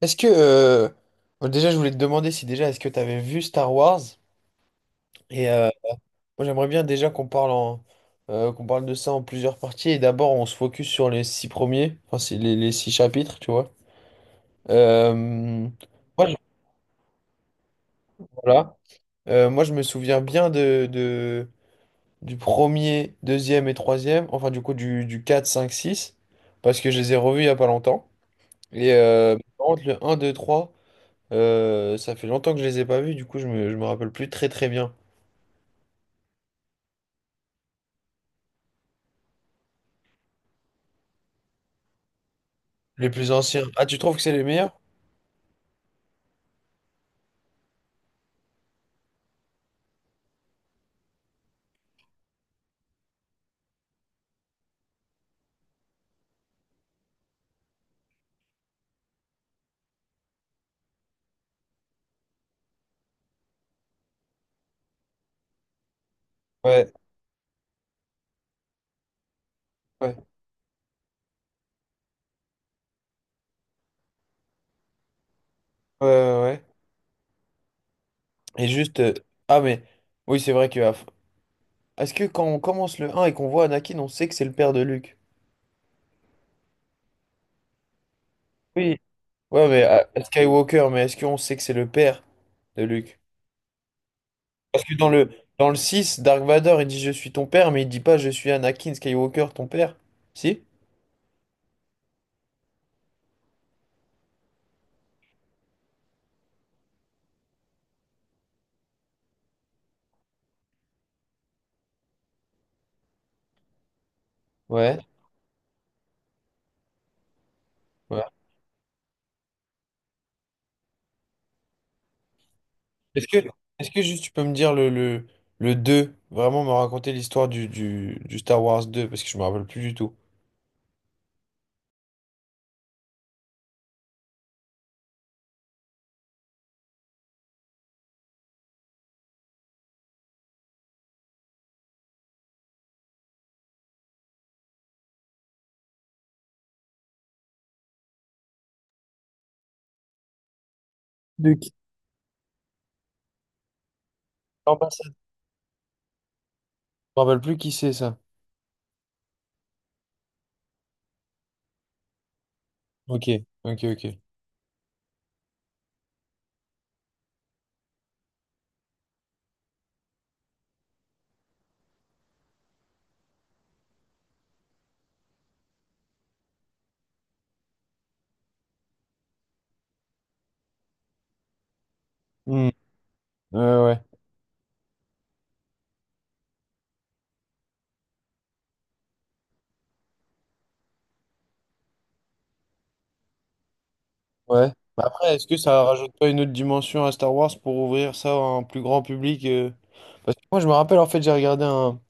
Est-ce que Bon, déjà je voulais te demander si déjà est-ce que tu avais vu Star Wars. Et moi, j'aimerais bien déjà qu'on parle de ça en plusieurs parties, et d'abord on se focus sur les six premiers, enfin c'est les six chapitres, tu vois. Euh, moi je, voilà. Moi, je me souviens bien de du premier, deuxième et troisième, enfin du coup du quatre, cinq, six, parce que je les ai revus il y a pas longtemps. Et par contre, le un, deux, trois, ça fait longtemps que je les ai pas vus, du coup je me rappelle plus très très bien. Les plus anciens. Ah, tu trouves que c'est les meilleurs? Ouais, ouais, ouais, ouais, ouais. Et juste. Ah, mais. Oui, c'est vrai que. Est-ce que quand on commence le un et qu'on voit Anakin, on sait que c'est le père de Luke? Oui. Ouais, mais Skywalker, mais est-ce qu'on sait que c'est le père de Luke? Parce que dans le six, Dark Vador, il dit je suis ton père, mais il dit pas je suis Anakin Skywalker, ton père. Si? Ouais, ouais. Est-ce que, est-ce que juste tu peux me dire le deux, vraiment me raconter l'histoire du Star Wars deux, parce que je me rappelle plus du tout. Luc. Me rappelle plus qui c'est ça. Ok, ok, ok. Hmm. Ouais, ouais. Ouais. Bah, après, est-ce que ça rajoute pas une autre dimension à Star Wars pour ouvrir ça à un plus grand public Parce que moi, je me rappelle, en fait, j'ai regardé un.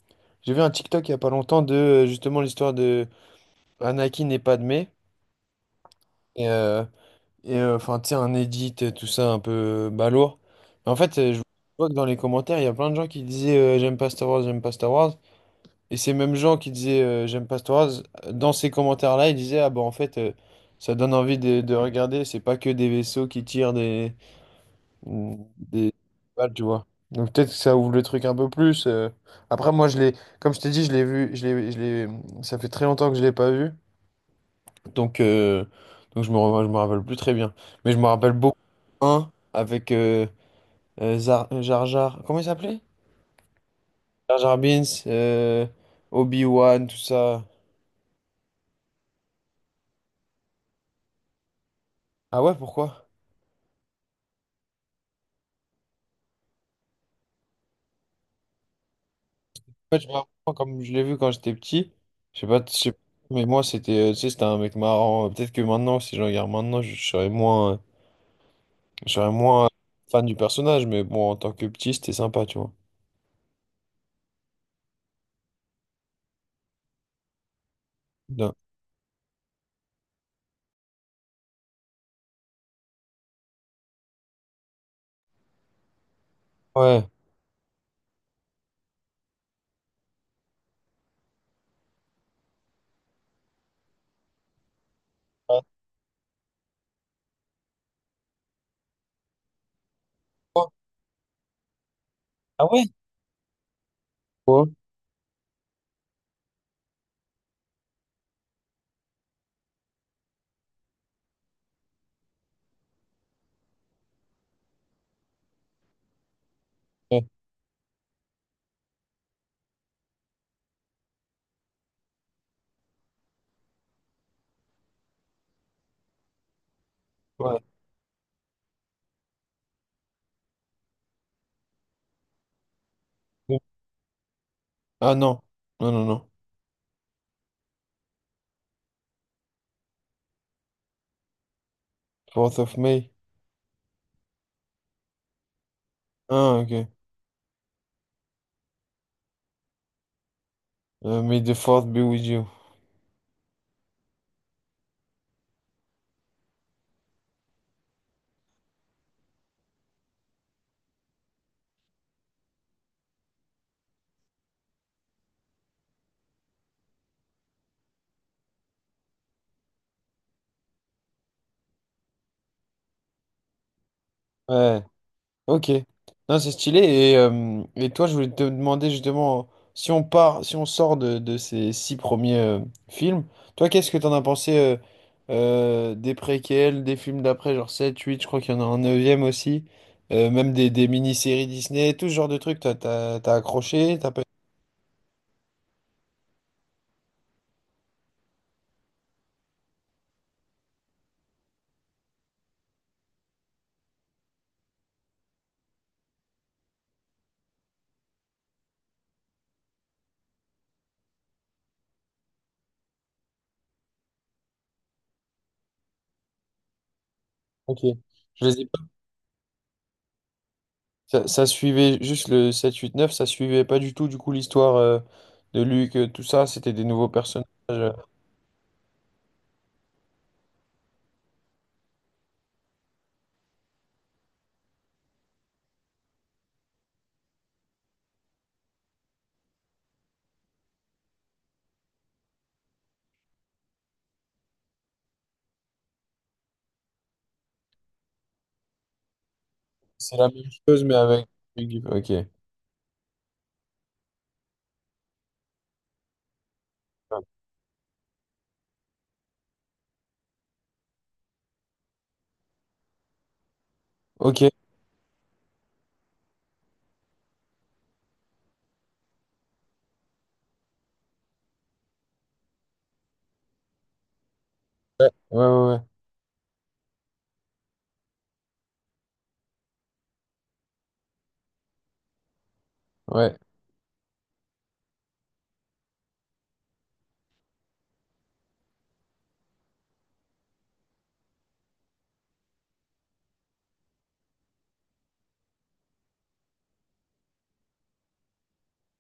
J'ai vu un TikTok il y a pas longtemps de, justement, l'histoire de Anakin et Padmé. Et, euh, et, enfin, tu sais, un edit, tout ça, un peu balourd. Mais en fait, je vois que dans les commentaires, il y a plein de gens qui disaient J'aime pas Star Wars, j'aime pas Star Wars». Et ces mêmes gens qui disaient j'aime pas Star Wars, dans ces commentaires-là, ils disaient ah bah en fait ça donne envie de regarder, c'est pas que des vaisseaux qui tirent des des balles, tu vois. Donc peut-être que ça ouvre le truc un peu plus. Après, moi je l'ai, comme je t'ai dit, je l'ai vu, ça fait très longtemps que je l'ai pas vu, donc euh, donc je me rappelle plus très bien, mais je me rappelle beaucoup un avec Jar Jar, comment il s'appelait? Jar Jar Binks, Obi-Wan, tout ça. Ah ouais, pourquoi? En fait, je me rappelle, comme je l'ai vu quand j'étais petit, je sais pas, mais tu sais, c'était un mec marrant. Peut-être que maintenant, si je regarde maintenant, je serais moins fan du personnage, mais bon, en tant que petit, c'était sympa, tu vois. Bien. Ouais. Ah, toi. Ah ouais? Toi. Ouais. Ouais. Ouais. Ah, non, non, non, non. Fourth of May. Ah, ok. May the fourth be with you. Ouais. Ok, non, c'est stylé. Et, toi, je voulais te demander justement, si on sort de ces six premiers films, toi, qu'est-ce que t'en as pensé des préquels, des films d'après, genre sept, huit, je crois qu'il y en a un neuvième aussi, même des mini-séries Disney, tout ce genre de trucs, t'as accroché, t'as pas. Ok, je les ai pas. Ça suivait juste le sept, huit, neuf, ça suivait pas du tout, du coup, l'histoire de Luke, tout ça, c'était des nouveaux personnages. euh, C'est la même chose, mais avec. Ok. Ok. Ouais, ouais, ouais, ouais.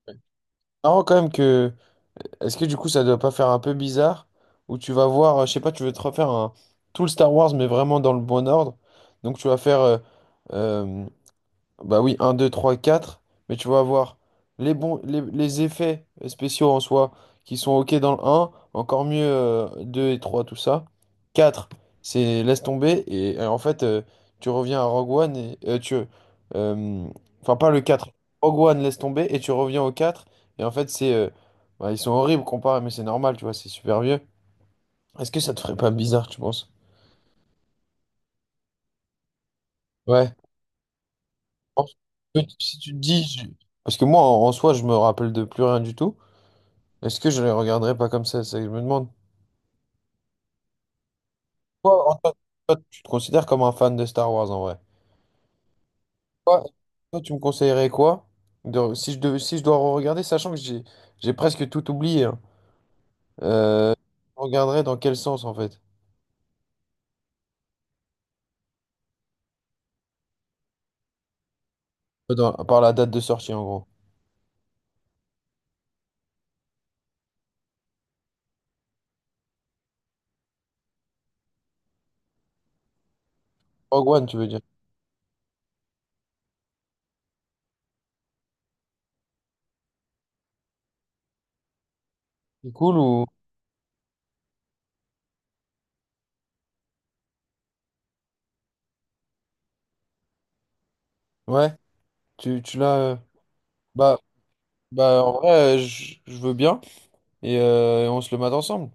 Ouais. Marrant quand même que. Est-ce que du coup ça doit pas faire un peu bizarre? Où tu vas voir, je sais pas, tu veux te refaire un. Tout le Star Wars, mais vraiment dans le bon ordre. Donc tu vas faire euh, bah oui, un, deux, trois, quatre. Mais tu vas avoir les bons, les effets spéciaux en soi qui sont OK dans le un, encore mieux 2 et trois, tout ça. Quatre, c'est laisse tomber. Et en fait, tu reviens à Rogue One et tu. euh, Enfin, pas le quatre. Rogue One, laisse tomber, et tu reviens au quatre. Et en fait, c'est. Bah, ils sont horribles comparés, mais c'est normal, tu vois, c'est super vieux. Est-ce que ça te ferait pas bizarre, tu penses? Ouais. En- Si tu te dis. Parce que moi, en soi, je me rappelle de plus rien du tout. Est-ce que je les regarderai pas comme ça? Je me demande. Toi, en- toi, toi, tu te considères comme un fan de Star Wars en vrai. Toi, toi, tu me conseillerais quoi? Si je devais, si je dois regarder, sachant que j'ai presque tout oublié. Hein. Euh, je regarderais dans quel sens en fait? Par la date de sortie en gros. Rogue One, tu veux dire. C'est cool ou. Ouais, tu l'as. Bah, bah, en vrai, je veux bien. Et on se le mate ensemble.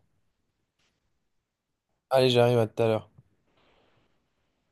Allez, j'arrive à tout à l'heure.